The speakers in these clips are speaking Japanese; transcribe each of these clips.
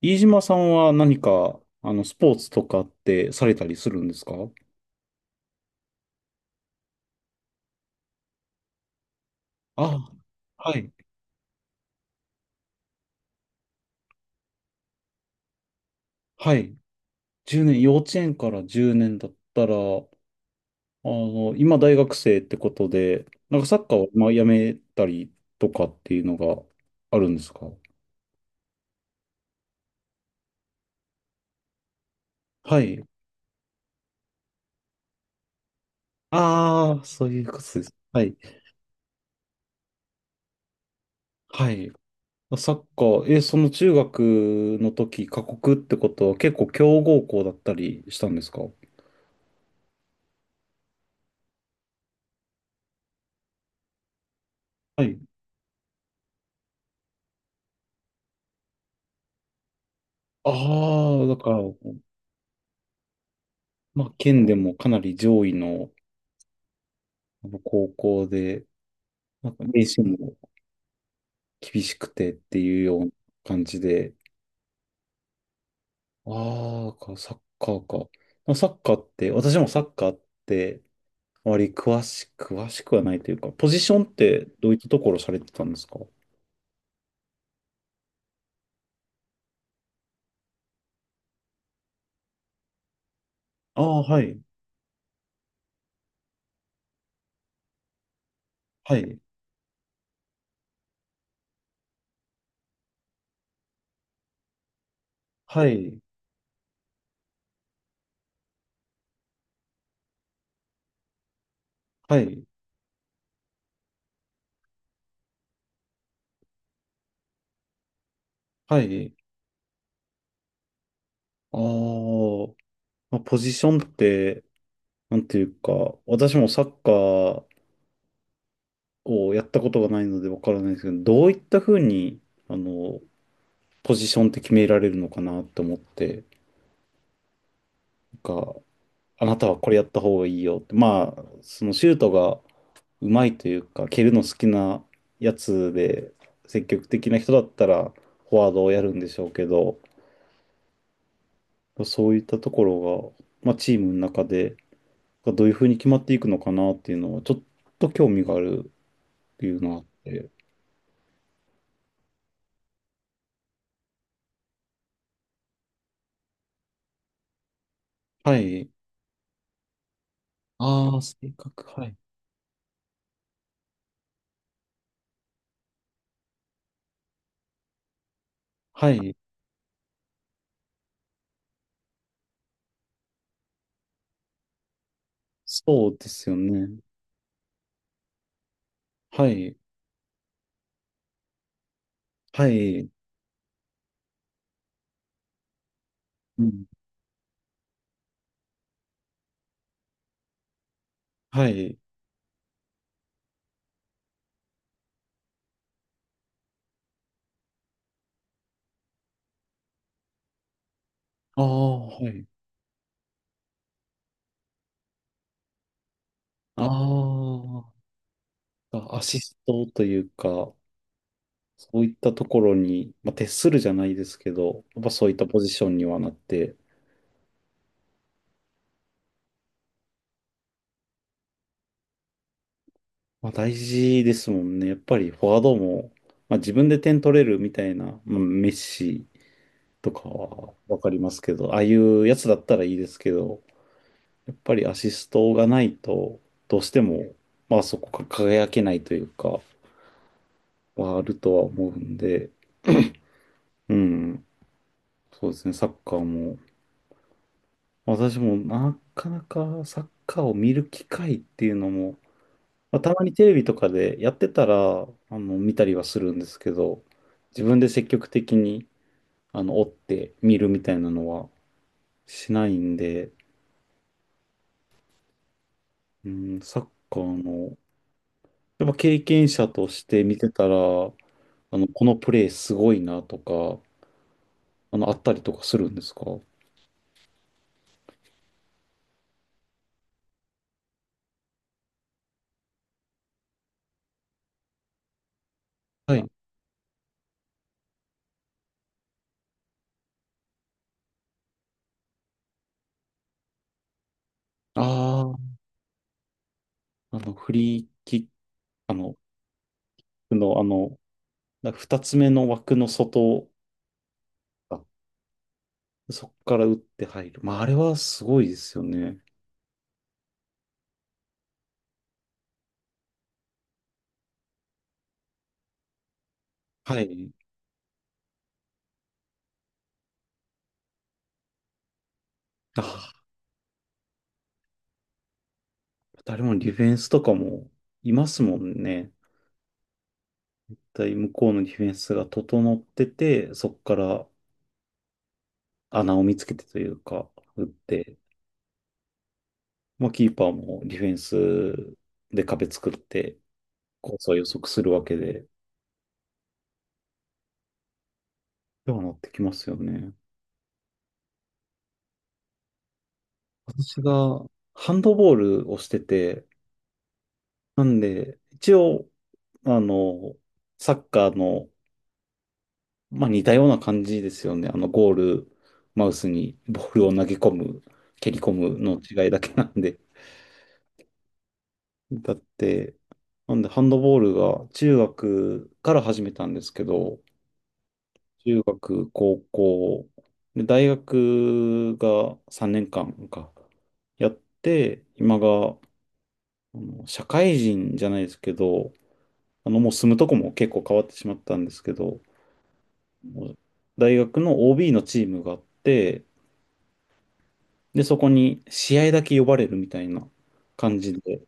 飯島さんは何か、スポーツとかってされたりするんですか？あ、はい、はい。10年、幼稚園から10年だったら、今大学生ってことで、なんかサッカーをまあやめたりとかっていうのがあるんですか？はい。ああ、そういうことです。はい。はい。サッカー、え、その中学の時、過酷ってことは結構強豪校だったりしたんですか？はい。ああ、だから、まあ、県でもかなり上位のあの高校で、なんか名刺も厳しくてっていうような感じで、ああ、かサッカーか。まあサッカーって、私もサッカーって、あまり詳しくはないというか、ポジションってどういったところされてたんですか？ああ、はい、はい、はい、はい、はい。ああ、まあ、ポジションって、なんていうか、私もサッカーこうやったことがないのでわからないですけど、どういったふうに、あの、ポジションって決められるのかなと思って、なんか、あなたはこれやった方がいいよって、まあ、そのシュートがうまいというか、蹴るの好きなやつで、積極的な人だったら、フォワードをやるんでしょうけど、そういったところが、まあ、チームの中で、どういうふうに決まっていくのかなっていうのは、ちょっと興味があるっていうのがあって、はい。ああ、性格、はい。はい。そうですよね。はい。はい。うん。はい。ああ、はい。ああ、アシストというか、そういったところに、まあ、徹するじゃないですけど、やっぱそういったポジションにはなって、まあ、大事ですもんね。やっぱりフォワードも、まあ、自分で点取れるみたいな、まあ、メッシとかはわかりますけど、ああいうやつだったらいいですけど、やっぱりアシストがないと、どうしても、まあそこが輝けないというか、はあるとは思うんで、うん、そうですね、サッカーも、私もなかなかサッカーを見る機会っていうのも、まあ、たまにテレビとかでやってたら、見たりはするんですけど、自分で積極的に、追って見るみたいなのはしないんで、うん、サッカーの、やっぱ経験者として見てたら、このプレーすごいなとか、あったりとかするんですか？はい。ああ、あの、フリーキッあの、の、あの、なんか二つ目の枠の外、あそこから打って入る。まあ、あれはすごいですよね。はい。ああ、誰もディフェンスとかもいますもんね。だい向こうのディフェンスが整ってて、そこから穴を見つけてというか、打って、まあ、キーパーもディフェンスで壁作って、コースは予測するわけで、ではなってきますよね。私がハンドボールをしてて、なんで、一応、あの、サッカーの、まあ、似たような感じですよね。ゴール、マウスにボールを投げ込む、蹴り込むの違いだけなんで。だって、なんで、ハンドボールが中学から始めたんですけど、中学、高校、で、大学が3年間か、やって、今が、あの社会人じゃないですけど、もう住むとこも結構変わってしまったんですけど、大学の OB のチームがあって、で、そこに試合だけ呼ばれるみたいな感じで、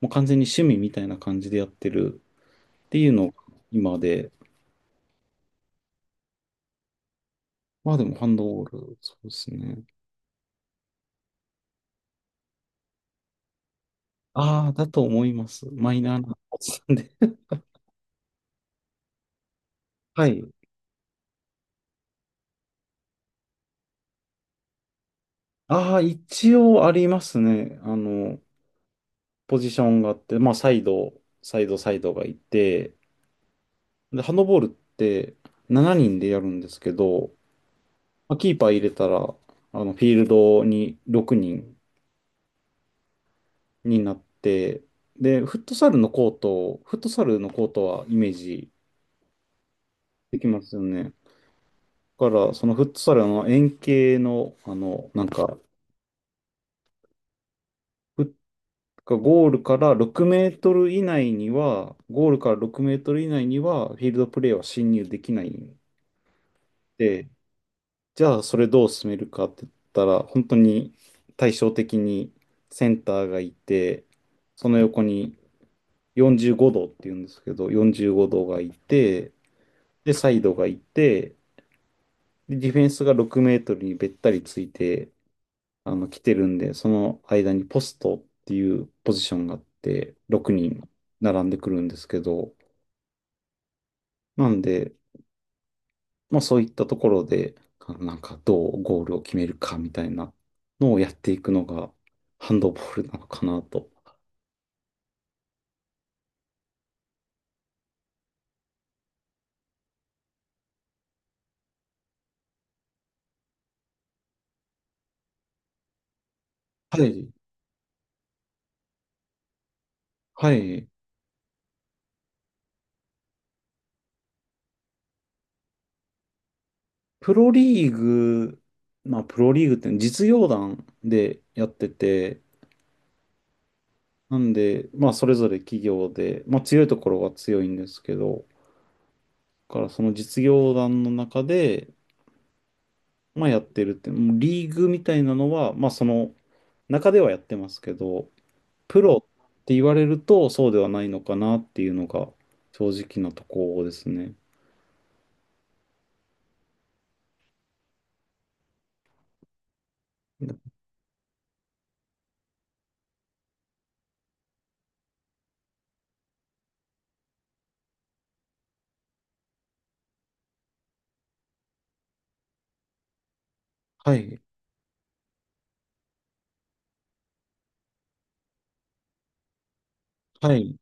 もう完全に趣味みたいな感じでやってるっていうのが今で、まあでもハンドボール、そうですね。ああ、だと思います。マイナーなおっさんで。はい。ああ、一応ありますね。ポジションがあって、まあサイドがいて、で、ハンドボールって7人でやるんですけど、まあ、キーパー入れたら、フィールドに6人になって、で、フットサルのコート、フットサルのコートはイメージできますよね。だから、そのフットサルの円形の、なんか、フゴールから6メートル以内には、ゴールから6メートル以内には、フィールドプレーは侵入できないんで、じゃあ、それどう進めるかって言ったら、本当に対照的にセンターがいて、その横に、45度っていうんですけど、45度がいて、で、サイドがいて、で、ディフェンスが6メートルにべったりついて、来てるんで、その間にポストっていうポジションがあって、6人並んでくるんですけど、なんで、まあそういったところで、なんかどうゴールを決めるかみたいなのをやっていくのが、ハンドボールなのかなと。はい。はい。プロリーグ、まあ、プロリーグって実業団でやってて、なんで、まあ、それぞれ企業で、まあ、強いところは強いんですけど、だからその実業団の中で、まあ、やってるって、もうリーグみたいなのは、まあ、その中ではやってますけど、プロって言われるとそうではないのかなっていうのが正直なところですね。はい、はい。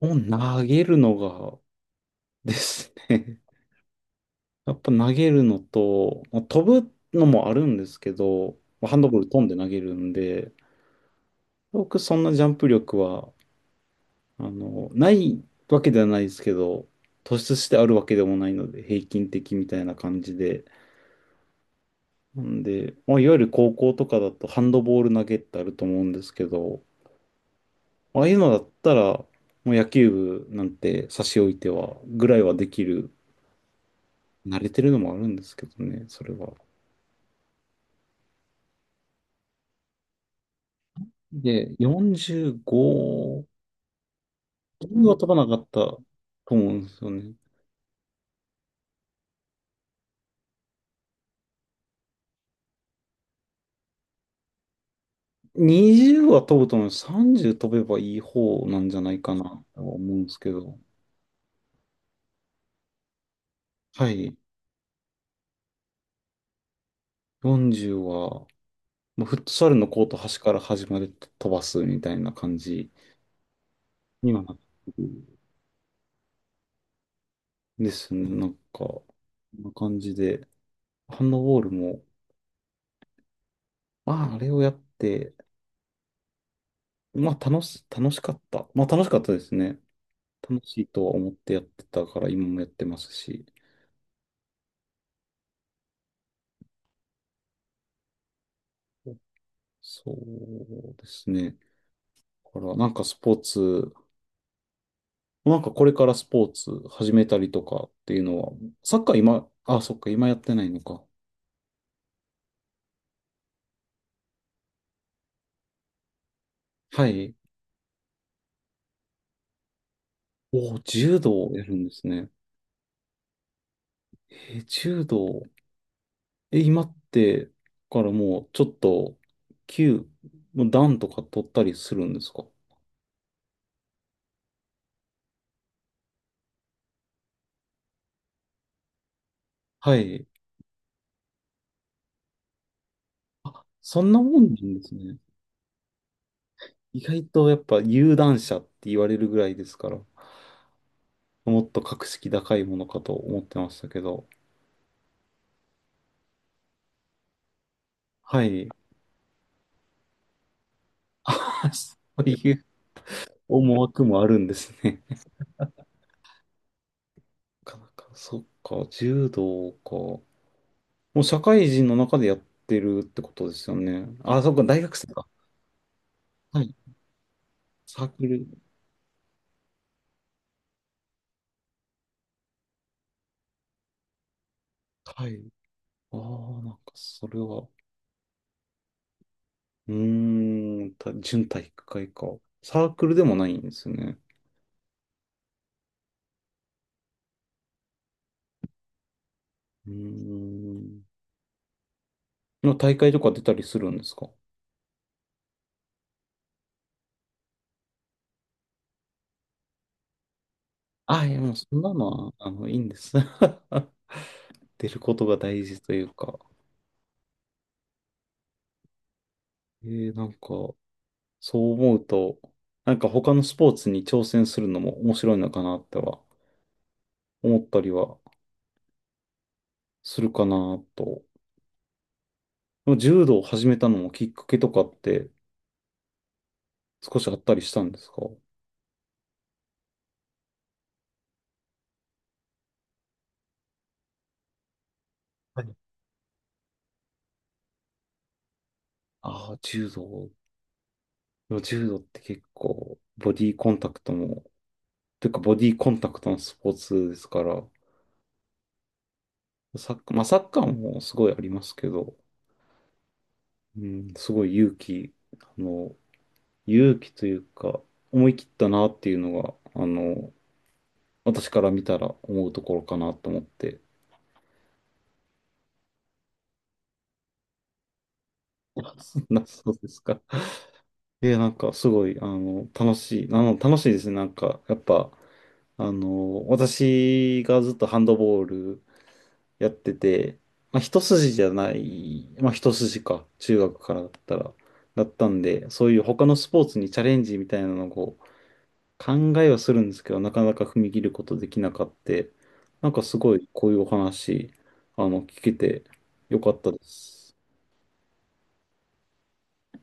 を投げるのがですね。やっぱ投げるのと、まあ飛ぶのもあるんですけど、まあハンドボール飛んで投げるんで、僕そんなジャンプ力は、ないわけではないですけど、突出してあるわけでもないので、平均的みたいな感じで。なんで、まあ、いわゆる高校とかだとハンドボール投げってあると思うんですけど、まああいうのだったら、もう野球部なんて差し置いては、ぐらいはできる。慣れてるのもあるんですけどね、それは。で、45 2 0は飛ばなかったと思うんですよね。20は飛ぶと思う。30飛べばいい方なんじゃないかなとは思うんですけど。はい。40は、もうフットサルのコート端から端まで飛ばすみたいな感じにはなってるですね。なんか、こんな感じで。ハンドボールも、まあ、あれをやって、まあ、楽しかった。まあ、楽しかったですね。楽しいとは思ってやってたから、今もやってますし。そうですね。から、なんかスポーツ、なんかこれからスポーツ始めたりとかっていうのは、サッカー今、あ、そっか、今やってないのか。はい。おー、柔道をやるんですね。えー柔道。え、今って、からもうちょっと、級、もう段とか取ったりするんですか？はい。そんなもんなんですね。意外とやっぱ有段者って言われるぐらいですから、もっと格式高いものかと思ってましたけど。はい。あ、そういう思惑もあるんですね。なかなか、そっか、柔道か。もう社会人の中でやってるってことですよね。あ、そっか、大学生か。はい。サークル。はい。ああ、なんか、それは、た準体育会か。サークルでもないんですよね。うーん。の大会とか出たりするんですか？あ、いや、もうそんなのは、いいんです。出ることが大事というか。なんか、そう思うと、なんか他のスポーツに挑戦するのも面白いのかなっては思ったりはするかなと。でも柔道を始めたのもきっかけとかって少しあったりしたんですか？はい。ああ、柔道。でも柔道って結構ボディーコンタクトも、というかボディーコンタクトのスポーツですから、サッカー、まあサッカーもすごいありますけど、うん、すごい勇気、あの、勇気というか、思い切ったなっていうのが、あの、私から見たら思うところかなと思って。そんな、そうですか。え、なんか、すごい、楽しい。楽しいですね。なんか、やっぱ、私がずっとハンドボールやってて、まあ、一筋じゃない、まあ、一筋か、中学からだったら、だったんで、そういう他のスポーツにチャレンジみたいなのをこう考えはするんですけど、なかなか踏み切ることできなかって、なんかすごい、こういうお話、聞けてよかったです。